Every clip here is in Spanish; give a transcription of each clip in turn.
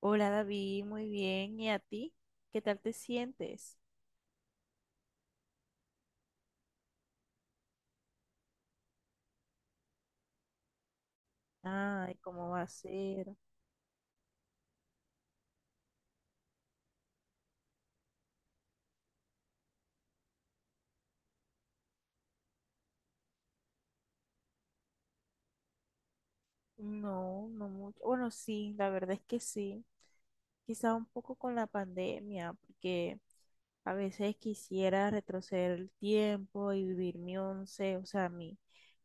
Hola David, muy bien. ¿Y a ti? ¿Qué tal te sientes? Ay, ¿cómo va a ser? No, no mucho. Bueno, sí, la verdad es que sí. Quizá un poco con la pandemia, porque a veces quisiera retroceder el tiempo y vivir mi 11, o sea, mi,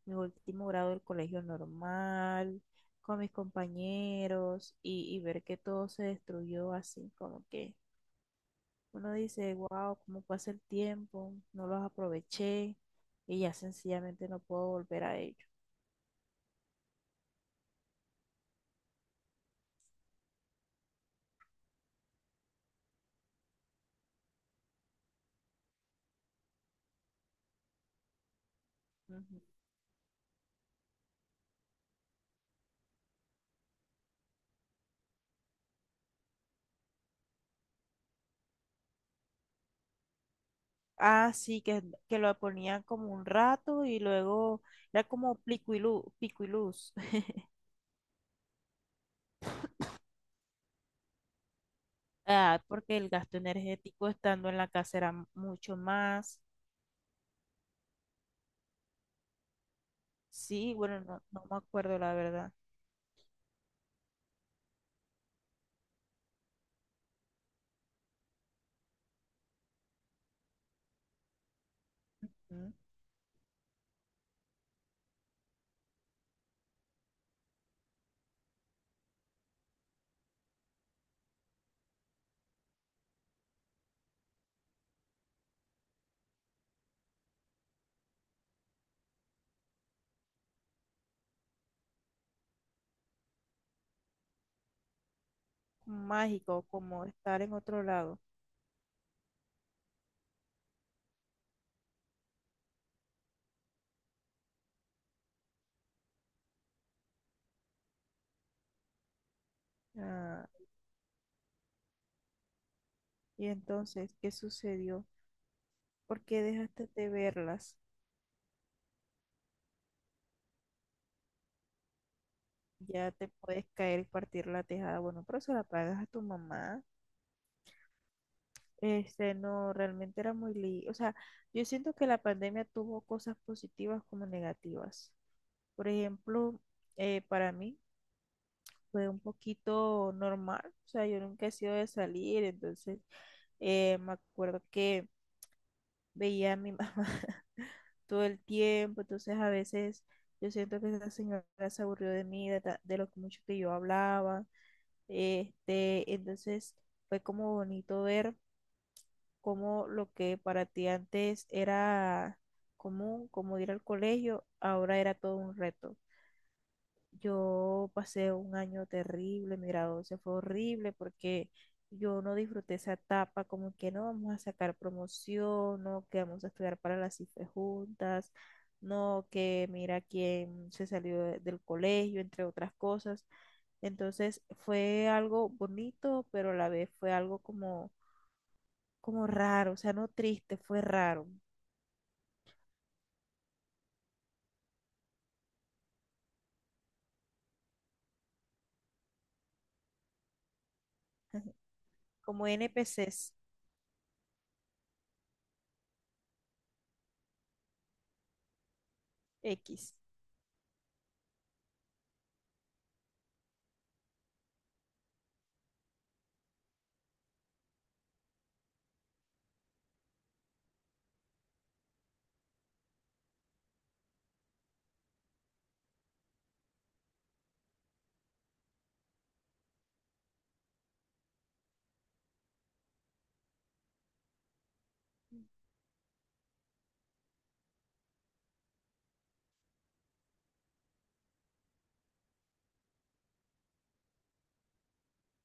mi último grado del colegio normal, con mis compañeros y ver que todo se destruyó así, como que uno dice, wow, cómo pasa el tiempo, no los aproveché y ya sencillamente no puedo volver a ellos. Ujú. Ah, sí, que lo ponían como un rato y luego era como pico y luz, pico y luz. Ah, porque el gasto energético estando en la casa era mucho más. Sí, bueno, no, no me acuerdo la verdad. Ujú. Mágico, como estar en otro lado. Ah, y entonces, ¿qué sucedió? ¿Por qué dejaste de verlas? Ya te puedes caer y partir la tejada. Bueno, pero se la pagas a tu mamá. Este, no, realmente era muy o sea, yo siento que la pandemia tuvo cosas positivas como negativas. Por ejemplo, para mí fue un poquito normal. O sea, yo nunca he sido de salir, entonces me acuerdo que veía a mi mamá todo el tiempo, entonces a veces yo siento que esa señora se aburrió de mí, de lo mucho que yo hablaba. Este, entonces fue como bonito ver cómo lo que para ti antes era común, como ir al colegio, ahora era todo un reto. Yo pasé un año terrible, mi grado 12 fue horrible porque yo no disfruté esa etapa, como que no vamos a sacar promoción, no que vamos a estudiar para las cifras juntas, no que mira quién se salió del colegio, entre otras cosas. Entonces fue algo bonito, pero a la vez fue algo como raro, o sea, no triste, fue raro, como N P NPCs X.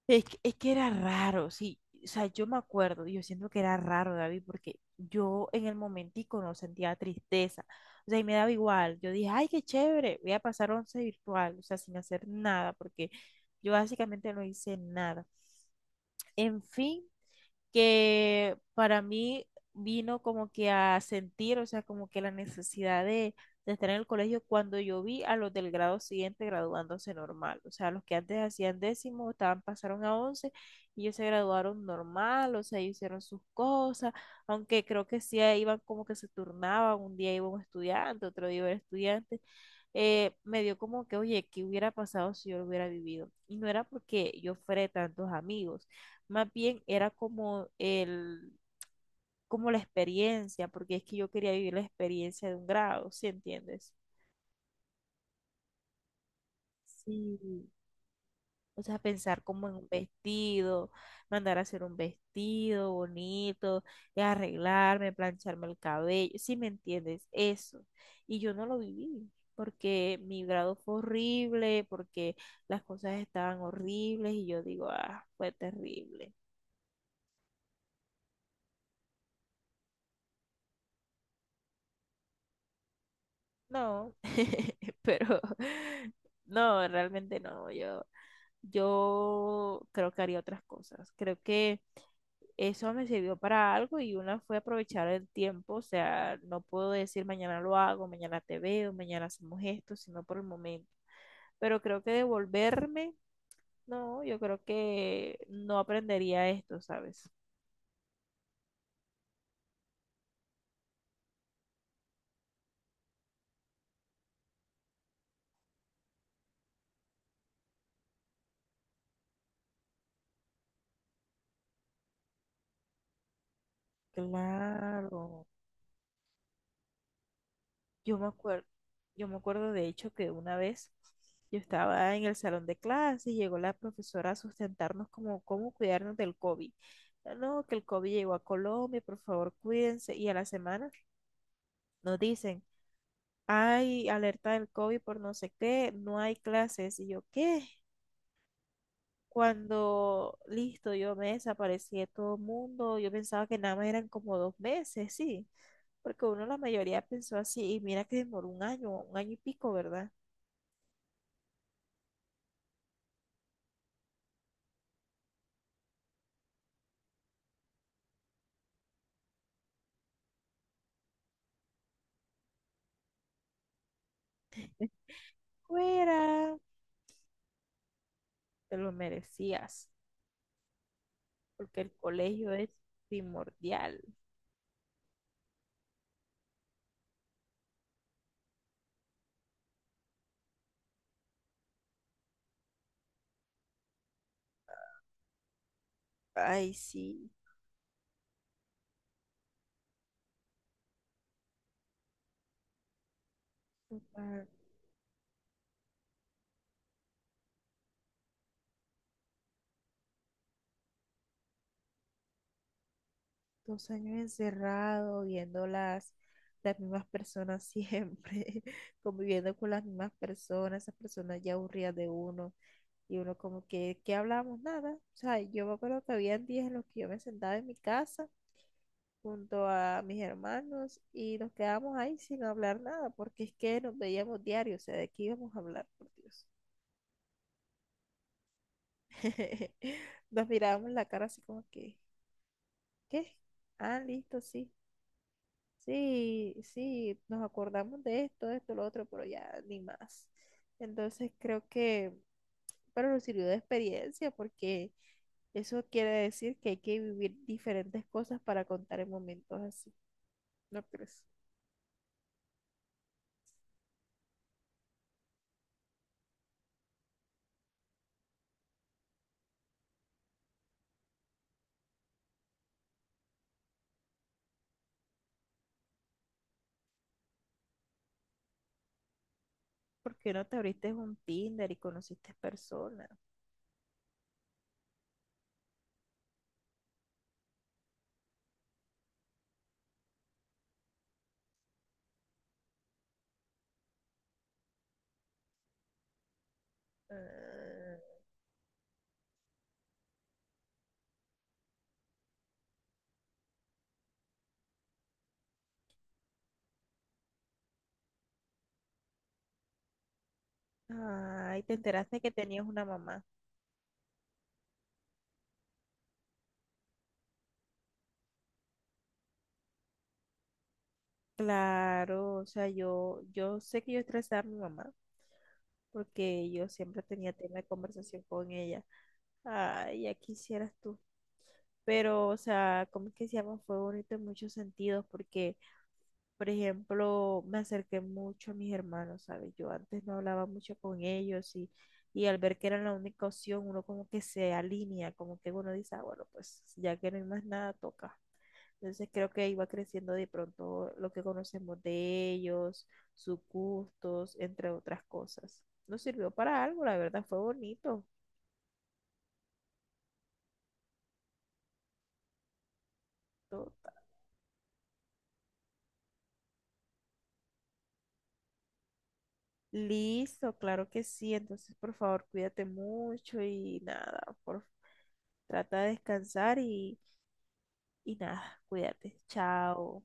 Es que era raro, sí. O sea, yo me acuerdo, yo siento que era raro, David, porque yo en el momentico no sentía tristeza. O sea, y me daba igual. Yo dije, ay, qué chévere, voy a pasar 11 virtual, o sea, sin hacer nada, porque yo básicamente no hice nada. En fin, que para mí vino como que a sentir, o sea, como que la necesidad de estar en el colegio cuando yo vi a los del grado siguiente graduándose normal, o sea, los que antes hacían décimo, estaban, pasaron a once y ellos se graduaron normal, o sea, ellos hicieron sus cosas, aunque creo que sí iban como que se turnaban, un día iba un estudiante, otro día iba el estudiante. Me dio como que, oye, ¿qué hubiera pasado si yo lo hubiera vivido? Y no era porque yo fuera de tantos amigos, más bien era como como la experiencia, porque es que yo quería vivir la experiencia de un grado, ¿sí entiendes? Sí, o sea, pensar como en un vestido, mandar a hacer un vestido bonito, y arreglarme, plancharme el cabello, ¿sí me entiendes? Eso. Y yo no lo viví, porque mi grado fue horrible, porque las cosas estaban horribles y yo digo, ah, fue terrible. No, pero no, realmente no. Yo creo que haría otras cosas. Creo que eso me sirvió para algo y una fue aprovechar el tiempo. O sea, no puedo decir mañana lo hago, mañana te veo, mañana hacemos esto, sino por el momento. Pero creo que devolverme, no, yo creo que no aprendería esto, ¿sabes? Claro. Yo me acuerdo, yo me acuerdo de hecho que una vez yo estaba en el salón de clase y llegó la profesora a sustentarnos como cómo cuidarnos del COVID. "Ah, no, que el COVID llegó a Colombia, por favor, cuídense." Y a la semana nos dicen, hay alerta del COVID por no sé qué, no hay clases. Y yo, ¿qué? Cuando, listo, yo me desaparecí de todo el mundo, yo pensaba que nada más eran como 2 meses, sí, porque uno, la mayoría pensó así y mira que demoró un año y pico, ¿verdad? Fuera. Te lo merecías, porque el colegio es primordial. Ay, sí. Total, 2 años encerrado, viendo las mismas personas siempre, conviviendo con las mismas personas, esas personas ya aburridas de uno. Y uno como que, ¿qué hablábamos? Nada. O sea, yo me acuerdo que había días en los que yo me sentaba en mi casa junto a mis hermanos y nos quedábamos ahí sin hablar nada, porque es que nos veíamos diario, o sea, ¿de qué íbamos a hablar, por Dios? Nos mirábamos la cara así como que, ¿qué? Ah, listo, sí. Sí, sí, nos acordamos de esto, lo otro, pero ya ni más. Entonces creo que, pero nos sirvió de experiencia porque eso quiere decir que hay que vivir diferentes cosas para contar en momentos así, ¿no crees? ¿Por qué no te abriste un Tinder y conociste personas? Ah, ay, te enteraste que tenías una mamá. Claro, o sea, yo sé que yo estresaba a mi mamá porque yo siempre tenía tema de conversación con ella. Ay, ya quisieras tú. Pero, o sea, como es que se llama? Fue bonito en muchos sentidos porque, por ejemplo, me acerqué mucho a mis hermanos, ¿sabes? Yo antes no hablaba mucho con ellos y al ver que era la única opción, uno como que se alinea, como que uno dice, ah, bueno, pues ya que no hay más nada, toca. Entonces creo que iba creciendo de pronto lo que conocemos de ellos, sus gustos, entre otras cosas. Nos sirvió para algo, la verdad fue bonito. Todo. Listo, claro que sí. Entonces, por favor, cuídate mucho y nada, por, trata de descansar y nada, cuídate. Chao.